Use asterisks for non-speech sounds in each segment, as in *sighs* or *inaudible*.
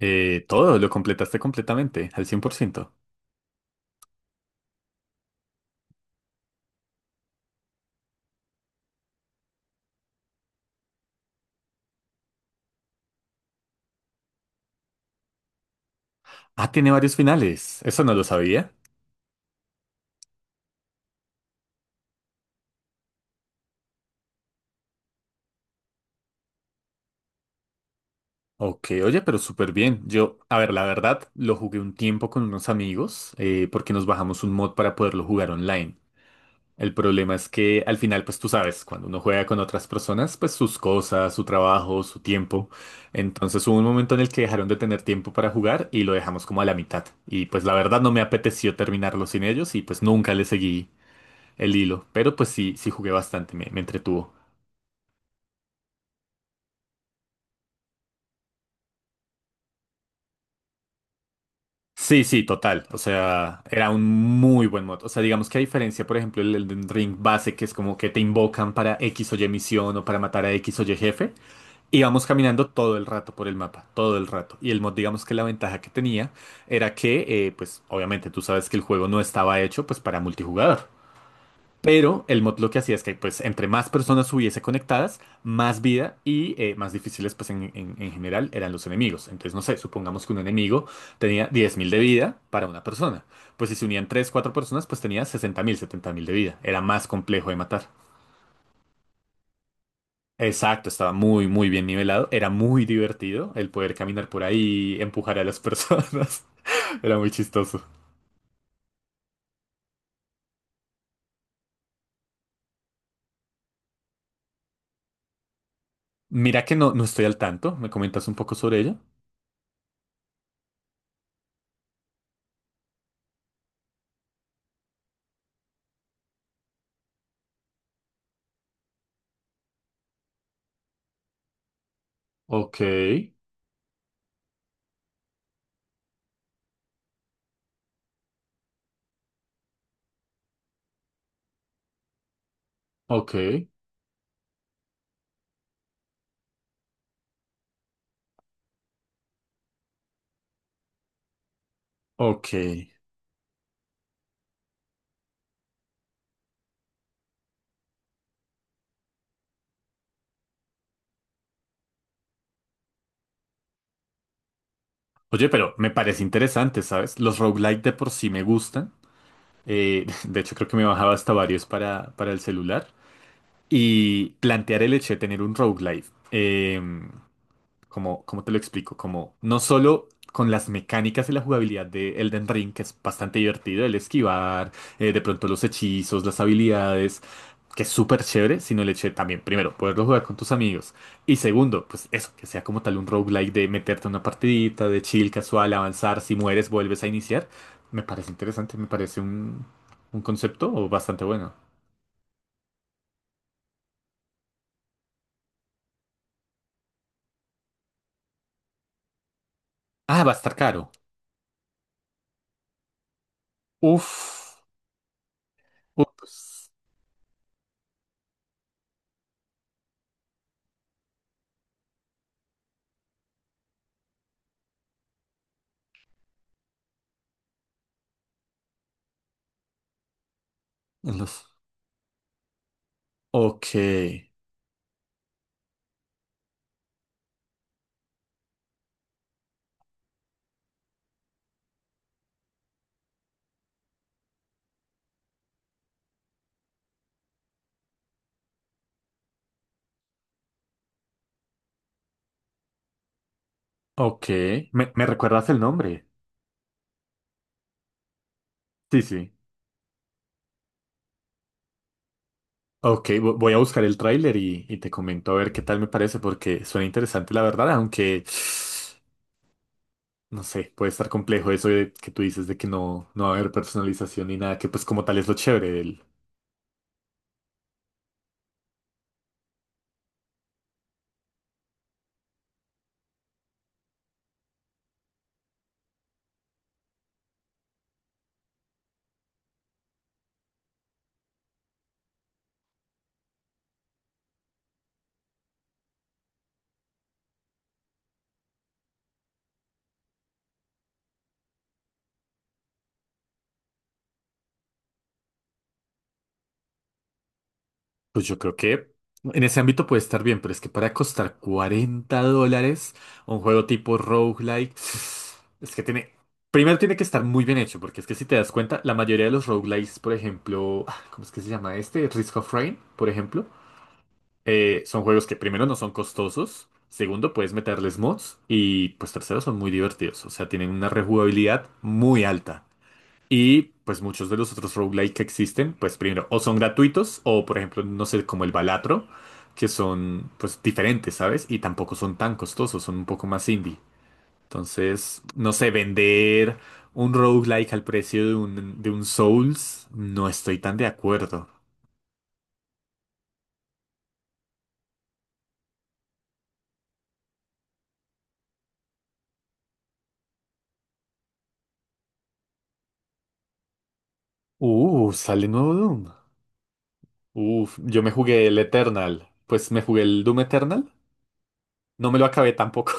Lo completaste completamente, al 100%. Ah, tiene varios finales. Eso no lo sabía. Ok, oye, pero súper bien. Yo, a ver, la verdad, lo jugué un tiempo con unos amigos porque nos bajamos un mod para poderlo jugar online. El problema es que al final, pues tú sabes, cuando uno juega con otras personas, pues sus cosas, su trabajo, su tiempo. Entonces hubo un momento en el que dejaron de tener tiempo para jugar y lo dejamos como a la mitad. Y pues la verdad no me apeteció terminarlo sin ellos y pues nunca le seguí el hilo, pero pues sí, sí jugué bastante, me entretuvo. Sí, sí, total. O sea, era un muy buen mod. O sea, digamos que a diferencia, por ejemplo, el Elden Ring base, que es como que te invocan para X o Y misión o para matar a X o Y jefe, íbamos caminando todo el rato por el mapa, todo el rato. Y el mod, digamos que la ventaja que tenía era que, pues obviamente tú sabes que el juego no estaba hecho pues para multijugador. Pero el mod lo que hacía es que pues entre más personas hubiese conectadas, más vida y más difíciles pues en general eran los enemigos. Entonces, no sé, supongamos que un enemigo tenía 10.000 de vida para una persona. Pues si se unían 3 4 personas, pues tenía 60.000 70.000 de vida. Era más complejo de matar. Exacto, estaba muy, muy bien nivelado. Era muy divertido el poder caminar por ahí, empujar a las personas. *laughs* Era muy chistoso. Mira que no, no estoy al tanto. ¿Me comentas un poco sobre ello? Ok, ok, ok. Oye, pero me parece interesante, ¿sabes? Los roguelike de por sí me gustan. *laughs* De hecho, creo que me bajaba hasta varios para el celular. Y plantear el hecho de tener un roguelike. Como, ¿cómo te lo explico? Como no solo con las mecánicas y la jugabilidad de Elden Ring, que es bastante divertido, el esquivar, de pronto los hechizos, las habilidades, que es súper chévere, sino el hecho de también, primero, poderlo jugar con tus amigos. Y segundo, pues eso, que sea como tal un roguelike de meterte a una partidita, de chill, casual, avanzar, si mueres, vuelves a iniciar. Me parece interesante, me parece un concepto bastante bueno. Ah, va a estar caro. Uf. Uf, pues, los- Ok. Ok, ¿me, me recuerdas el nombre? Sí, sí. Ok, voy a buscar el tráiler y te comento a ver qué tal me parece, porque suena interesante la verdad, aunque *sighs* no sé, puede estar complejo eso de que tú dices de que no, no va a haber personalización ni nada, que pues como tal es lo chévere. Pues yo creo que en ese ámbito puede estar bien, pero es que para costar $40 un juego tipo roguelike, *sighs* es que tiene... Primero tiene que estar muy bien hecho, porque es que si te das cuenta, la mayoría de los roguelikes, por ejemplo, ah, ¿cómo es que se llama este? Risk of Rain, por ejemplo, son juegos que primero no son costosos, segundo puedes meterles mods y pues tercero son muy divertidos, o sea, tienen una rejugabilidad muy alta. Y pues muchos de los otros roguelike que existen, pues primero, o son gratuitos, o por ejemplo, no sé, como el Balatro, que son pues diferentes, ¿sabes? Y tampoco son tan costosos, son un poco más indie. Entonces, no sé, vender un roguelike al precio de un Souls, no estoy tan de acuerdo. Sale nuevo Doom. Uf, yo me jugué el Eternal. Pues me jugué el Doom Eternal. No me lo acabé tampoco.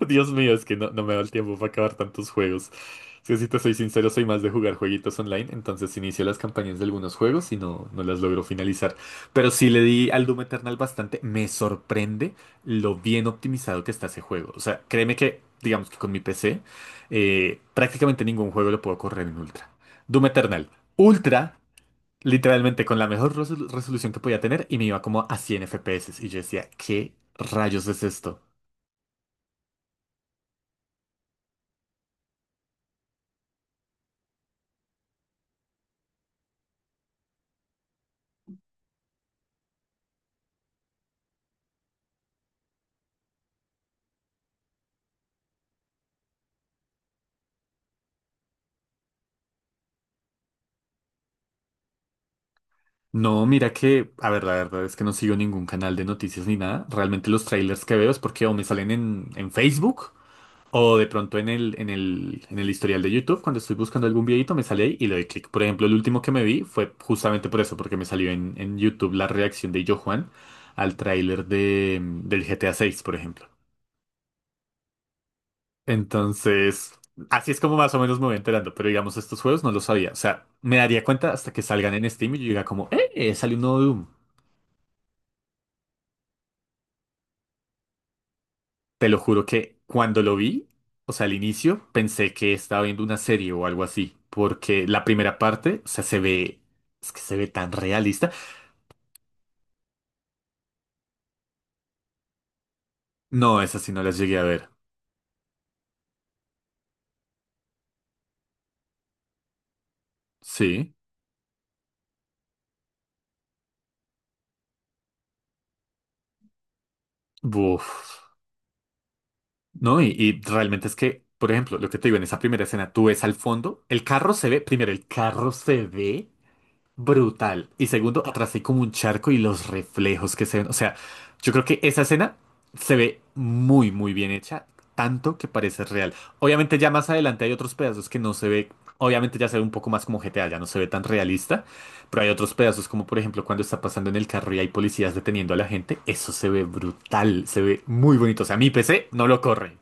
*laughs* Dios mío, es que no, no me da el tiempo para acabar tantos juegos. Es que si te soy sincero, soy más de jugar jueguitos online, entonces si inicio las campañas de algunos juegos y no, no las logro finalizar. Pero sí le di al Doom Eternal bastante. Me sorprende lo bien optimizado que está ese juego. O sea, créeme que, digamos que con mi PC, prácticamente ningún juego lo puedo correr en Ultra. Doom Eternal. Ultra, literalmente con la mejor resolución que podía tener y me iba como a 100 FPS. Y yo decía, ¿qué rayos es esto? No, mira que, a ver, la verdad es que no sigo ningún canal de noticias ni nada. Realmente los trailers que veo es porque o me salen en Facebook o de pronto en el historial de YouTube. Cuando estoy buscando algún videito me sale ahí y le doy clic. Por ejemplo, el último que me vi fue justamente por eso, porque me salió en YouTube la reacción de Yo Juan al tráiler de, del GTA 6, por ejemplo. Entonces, así es como más o menos me voy enterando, pero digamos, estos juegos no los sabía. O sea, me daría cuenta hasta que salgan en Steam y yo diga como, ¡eh! Salió un nuevo Doom. Te lo juro que cuando lo vi, o sea, al inicio, pensé que estaba viendo una serie o algo así, porque la primera parte, o sea, es que se ve tan realista. No, esas sí no las llegué a ver. Sí, buf. No, y realmente es que, por ejemplo, lo que te digo en esa primera escena, tú ves al fondo, el carro se ve, primero, el carro se ve brutal. Y segundo, atrás hay como un charco y los reflejos que se ven. O sea, yo creo que esa escena se ve muy, muy bien hecha, tanto que parece real. Obviamente ya más adelante hay otros pedazos que no se ve, obviamente ya se ve un poco más como GTA, ya no se ve tan realista, pero hay otros pedazos como por ejemplo cuando está pasando en el carro y hay policías deteniendo a la gente, eso se ve brutal, se ve muy bonito. O sea, mi PC no lo corre.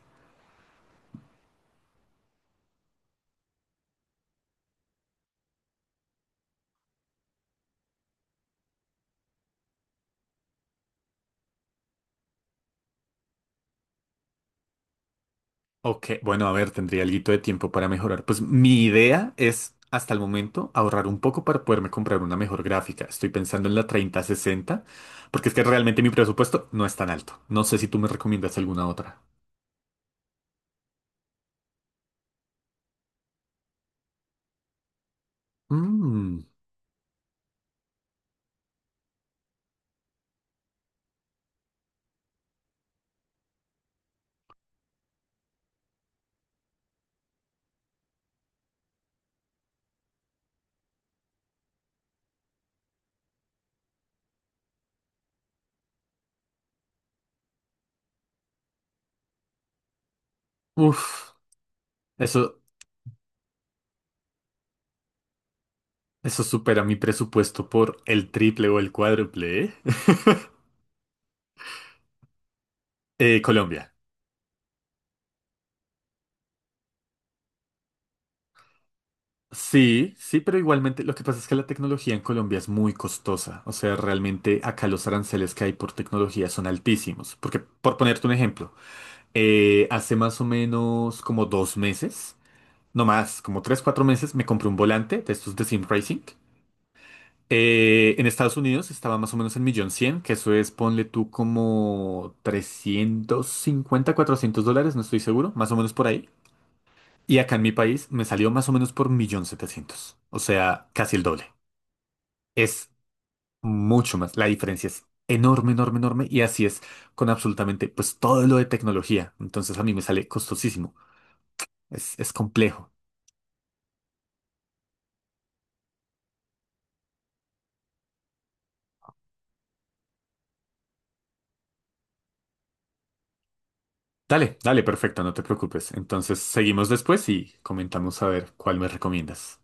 Ok, bueno, a ver, tendría algo de tiempo para mejorar. Pues mi idea es, hasta el momento, ahorrar un poco para poderme comprar una mejor gráfica. Estoy pensando en la 3060, porque es que realmente mi presupuesto no es tan alto. No sé si tú me recomiendas alguna otra. Mm, uf, eso, eso supera mi presupuesto por el triple o el cuádruple, ¿eh? *laughs* Colombia. Sí, sí, pero igualmente lo que pasa es que la tecnología en Colombia es muy costosa. O sea, realmente acá los aranceles que hay por tecnología son altísimos. Porque, por ponerte un ejemplo, hace más o menos como 2 meses, no más, como 3, 4 meses, me compré un volante de estos de Sim Racing. En Estados Unidos estaba más o menos en 1.100.000, que eso es, ponle tú como $350 $400, no estoy seguro, más o menos por ahí. Y acá en mi país me salió más o menos por 1.700.000, o sea, casi el doble. Es mucho más. La diferencia es enorme, enorme, enorme. Y así es con absolutamente pues todo lo de tecnología. Entonces a mí me sale costosísimo. Es complejo. Dale, dale, perfecto, no te preocupes. Entonces seguimos después y comentamos a ver cuál me recomiendas.